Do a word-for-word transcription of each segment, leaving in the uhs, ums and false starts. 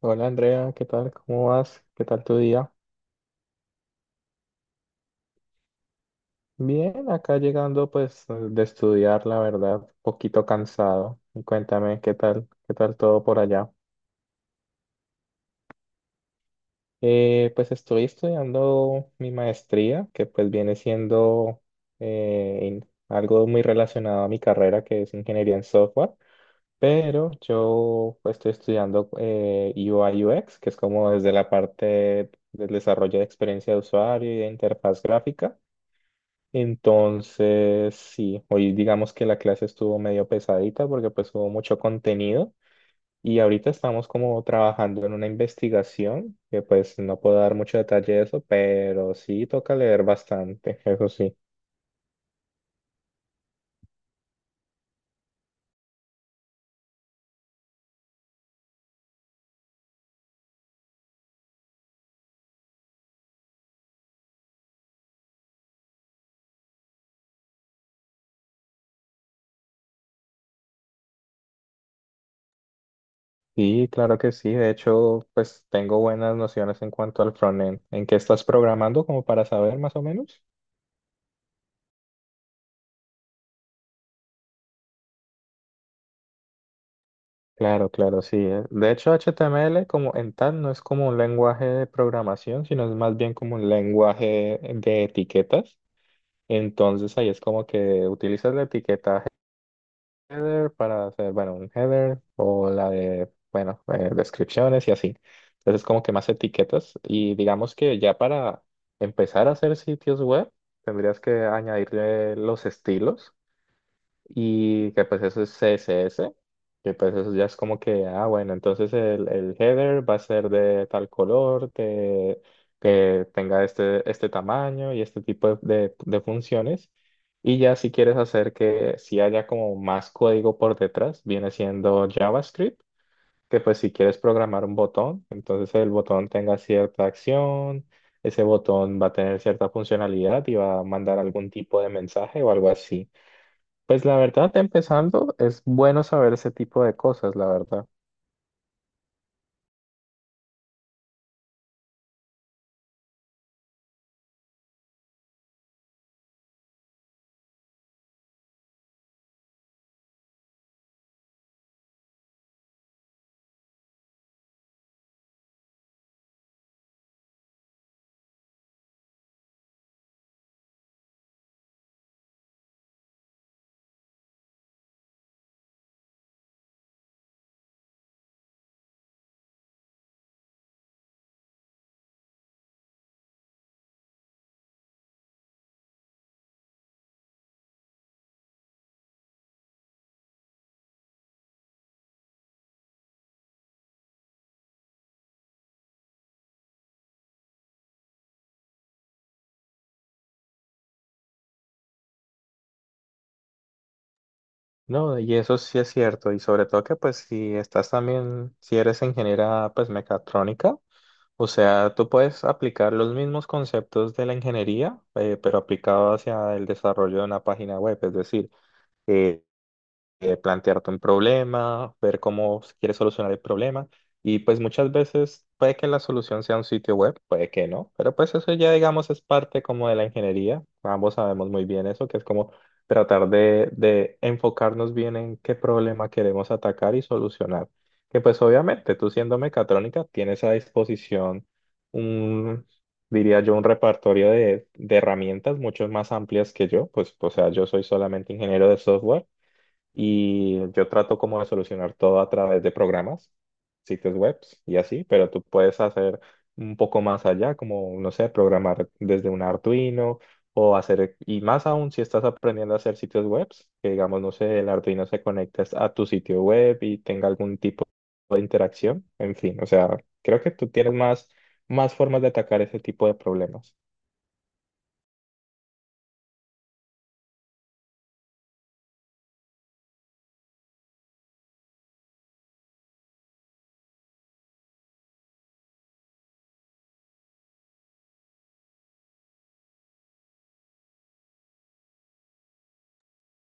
Hola Andrea, ¿qué tal? ¿Cómo vas? ¿Qué tal tu día? Bien, acá llegando pues de estudiar, la verdad, un poquito cansado. Y cuéntame, ¿qué tal? ¿Qué tal todo por allá? Eh, pues estoy estudiando mi maestría, que pues viene siendo eh, in- algo muy relacionado a mi carrera, que es ingeniería en software, pero yo pues, estoy estudiando eh, U I U X, que es como desde la parte del desarrollo de experiencia de usuario y de interfaz gráfica. Entonces, sí, hoy digamos que la clase estuvo medio pesadita porque pues hubo mucho contenido y ahorita estamos como trabajando en una investigación que pues no puedo dar mucho detalle de eso, pero sí toca leer bastante, eso sí. Sí, claro que sí, de hecho pues tengo buenas nociones en cuanto al frontend. ¿En qué estás programando como para saber más o menos? Claro, claro, sí. eh. De hecho, H T M L como en tal no es como un lenguaje de programación, sino es más bien como un lenguaje de etiquetas. Entonces ahí es como que utilizas la etiqueta header para hacer, bueno, un header o la de, bueno, eh, descripciones y así. Entonces es como que más etiquetas. Y digamos que ya para empezar a hacer sitios web, tendrías que añadirle los estilos y que pues eso es C S S, que pues eso ya es como que, ah, bueno, entonces el, el header va a ser de tal color, que, que tenga este, este tamaño y este tipo de, de- de funciones. Y ya si quieres hacer que si haya como más código por detrás, viene siendo JavaScript, que pues si quieres programar un botón, entonces el botón tenga cierta acción, ese botón va a tener cierta funcionalidad y va a mandar algún tipo de mensaje o algo así. Pues la verdad, empezando, es bueno saber ese tipo de cosas, la verdad. No, y eso sí es cierto, y sobre todo que pues si estás también, si eres ingeniera pues mecatrónica, o sea, tú puedes aplicar los mismos conceptos de la ingeniería, eh, pero aplicado hacia el desarrollo de una página web, es decir, eh, plantearte un problema, ver cómo quieres solucionar el problema. Y pues muchas veces puede que la solución sea un sitio web, puede que no, pero pues eso ya digamos es parte como de la ingeniería. Ambos sabemos muy bien eso, que es como tratar de, de enfocarnos bien en qué problema queremos atacar y solucionar. Que pues obviamente tú siendo mecatrónica tienes a disposición un, diría yo, un repertorio de, de herramientas mucho más amplias que yo, pues o sea, yo soy solamente ingeniero de software. Y yo trato como de solucionar todo a través de programas, sitios web y así, pero tú puedes hacer un poco más allá, como, no sé, programar desde un Arduino o hacer, y más aún si estás aprendiendo a hacer sitios web, que digamos, no sé, el Arduino se conecte a tu sitio web y tenga algún tipo de interacción, en fin, o sea, creo que tú tienes más, más formas de atacar ese tipo de problemas.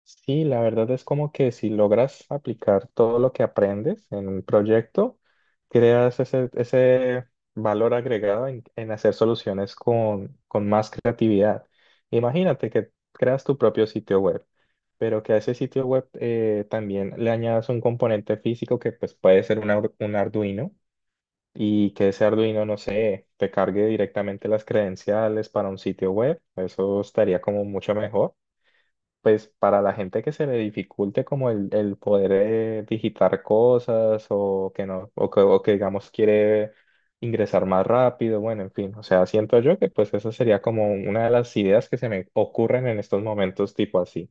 Sí, la verdad es como que si logras aplicar todo lo que aprendes en un proyecto, creas ese, ese valor agregado en, en hacer soluciones con, con más creatividad. Imagínate que creas tu propio sitio web, pero que a ese sitio web eh, también le añadas un componente físico que pues, puede ser un, ar- un Arduino y que ese Arduino, no sé, te cargue directamente las credenciales para un sitio web. Eso estaría como mucho mejor pues para la gente que se le dificulte como el, el poder eh, digitar cosas o que no, o que, o que digamos quiere ingresar más rápido, bueno, en fin, o sea, siento yo que pues esa sería como una de las ideas que se me ocurren en estos momentos tipo así.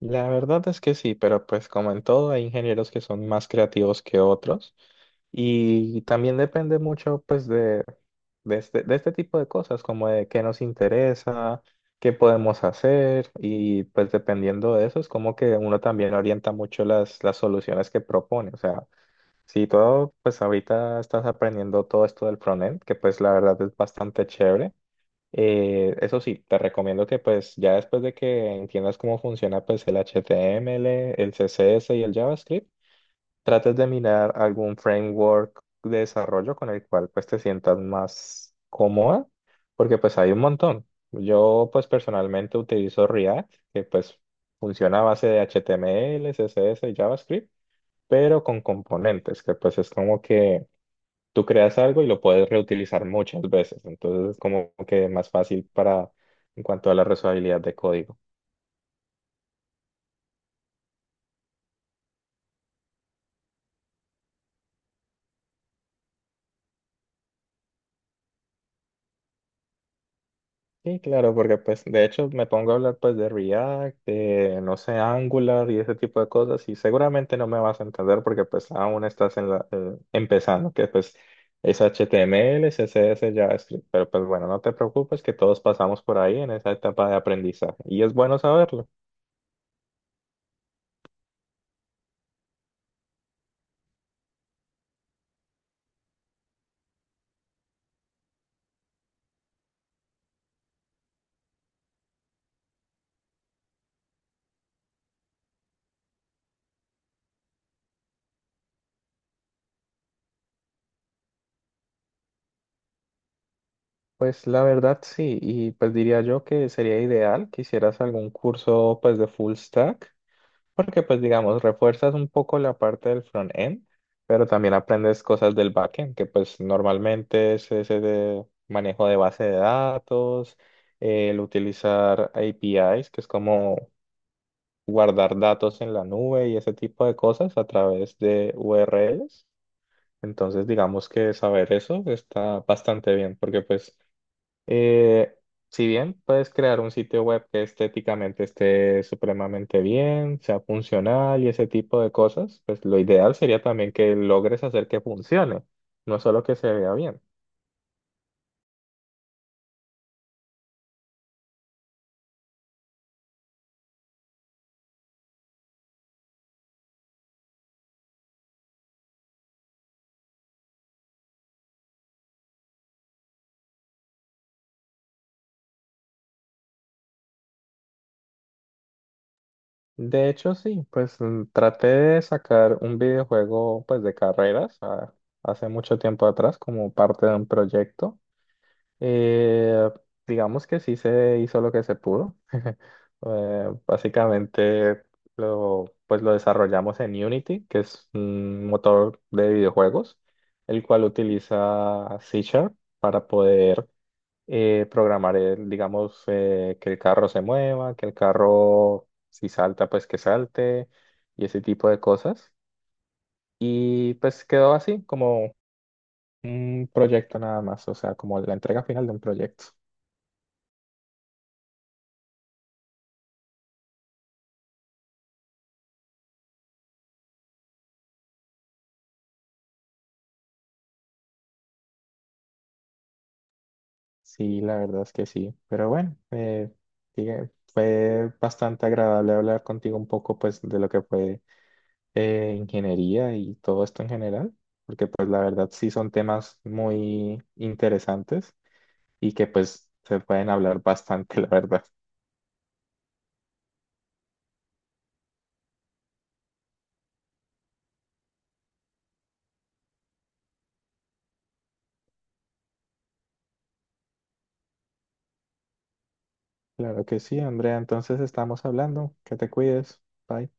La verdad es que sí, pero pues como en todo hay ingenieros que son más creativos que otros y también depende mucho pues de, de este, de este tipo de cosas, como de qué nos interesa, qué podemos hacer y pues dependiendo de eso es como que uno también orienta mucho las, las soluciones que propone. O sea, si todo pues ahorita estás aprendiendo todo esto del frontend, que pues la verdad es bastante chévere. Eh, eso sí, te recomiendo que pues ya después de que entiendas cómo funciona pues el H T M L, el C S S y el JavaScript, trates de mirar algún framework de desarrollo con el cual pues te sientas más cómoda, porque pues hay un montón. Yo pues personalmente utilizo React, que pues funciona a base de H T M L, C S S y JavaScript, pero con componentes, que pues es como que tú creas algo y lo puedes reutilizar muchas veces, entonces es como que más fácil para en cuanto a la reusabilidad de código. Sí, claro, porque pues de hecho me pongo a hablar pues de React, de no sé, Angular y ese tipo de cosas y seguramente no me vas a entender porque pues aún estás en la, eh, empezando, que pues es H T M L, C S S, JavaScript, pero pues bueno, no te preocupes que todos pasamos por ahí en esa etapa de aprendizaje y es bueno saberlo. Pues la verdad sí, y pues diría yo que sería ideal que hicieras algún curso pues de full stack, porque pues digamos, refuerzas un poco la parte del front end, pero también aprendes cosas del backend, que pues normalmente es ese de manejo de base de datos, el utilizar A P I s, que es como guardar datos en la nube y ese tipo de cosas a través de U R L s. Entonces digamos que saber eso está bastante bien, porque pues eh, si bien puedes crear un sitio web que estéticamente esté supremamente bien, sea funcional y ese tipo de cosas, pues lo ideal sería también que logres hacer que funcione, no solo que se vea bien. De hecho, sí, pues mm, traté de sacar un videojuego pues de carreras ah, hace mucho tiempo atrás como parte de un proyecto. Eh, digamos que sí se hizo lo que se pudo. Eh, básicamente lo, pues lo desarrollamos en Unity, que es un motor de videojuegos, el cual utiliza C Sharp para poder eh, programar, el, digamos, eh, que el carro se mueva, que el carro si salta, pues que salte y ese tipo de cosas. Y pues quedó así como un proyecto nada más, o sea, como la entrega final de un proyecto. Sí, la verdad es que sí. Pero bueno, eh, diga- fue bastante agradable hablar contigo un poco pues de lo que fue eh, ingeniería y todo esto en general, porque pues la verdad sí son temas muy interesantes y que pues se pueden hablar bastante, la verdad. Claro que sí, Andrea. Entonces estamos hablando. Que te cuides. Bye.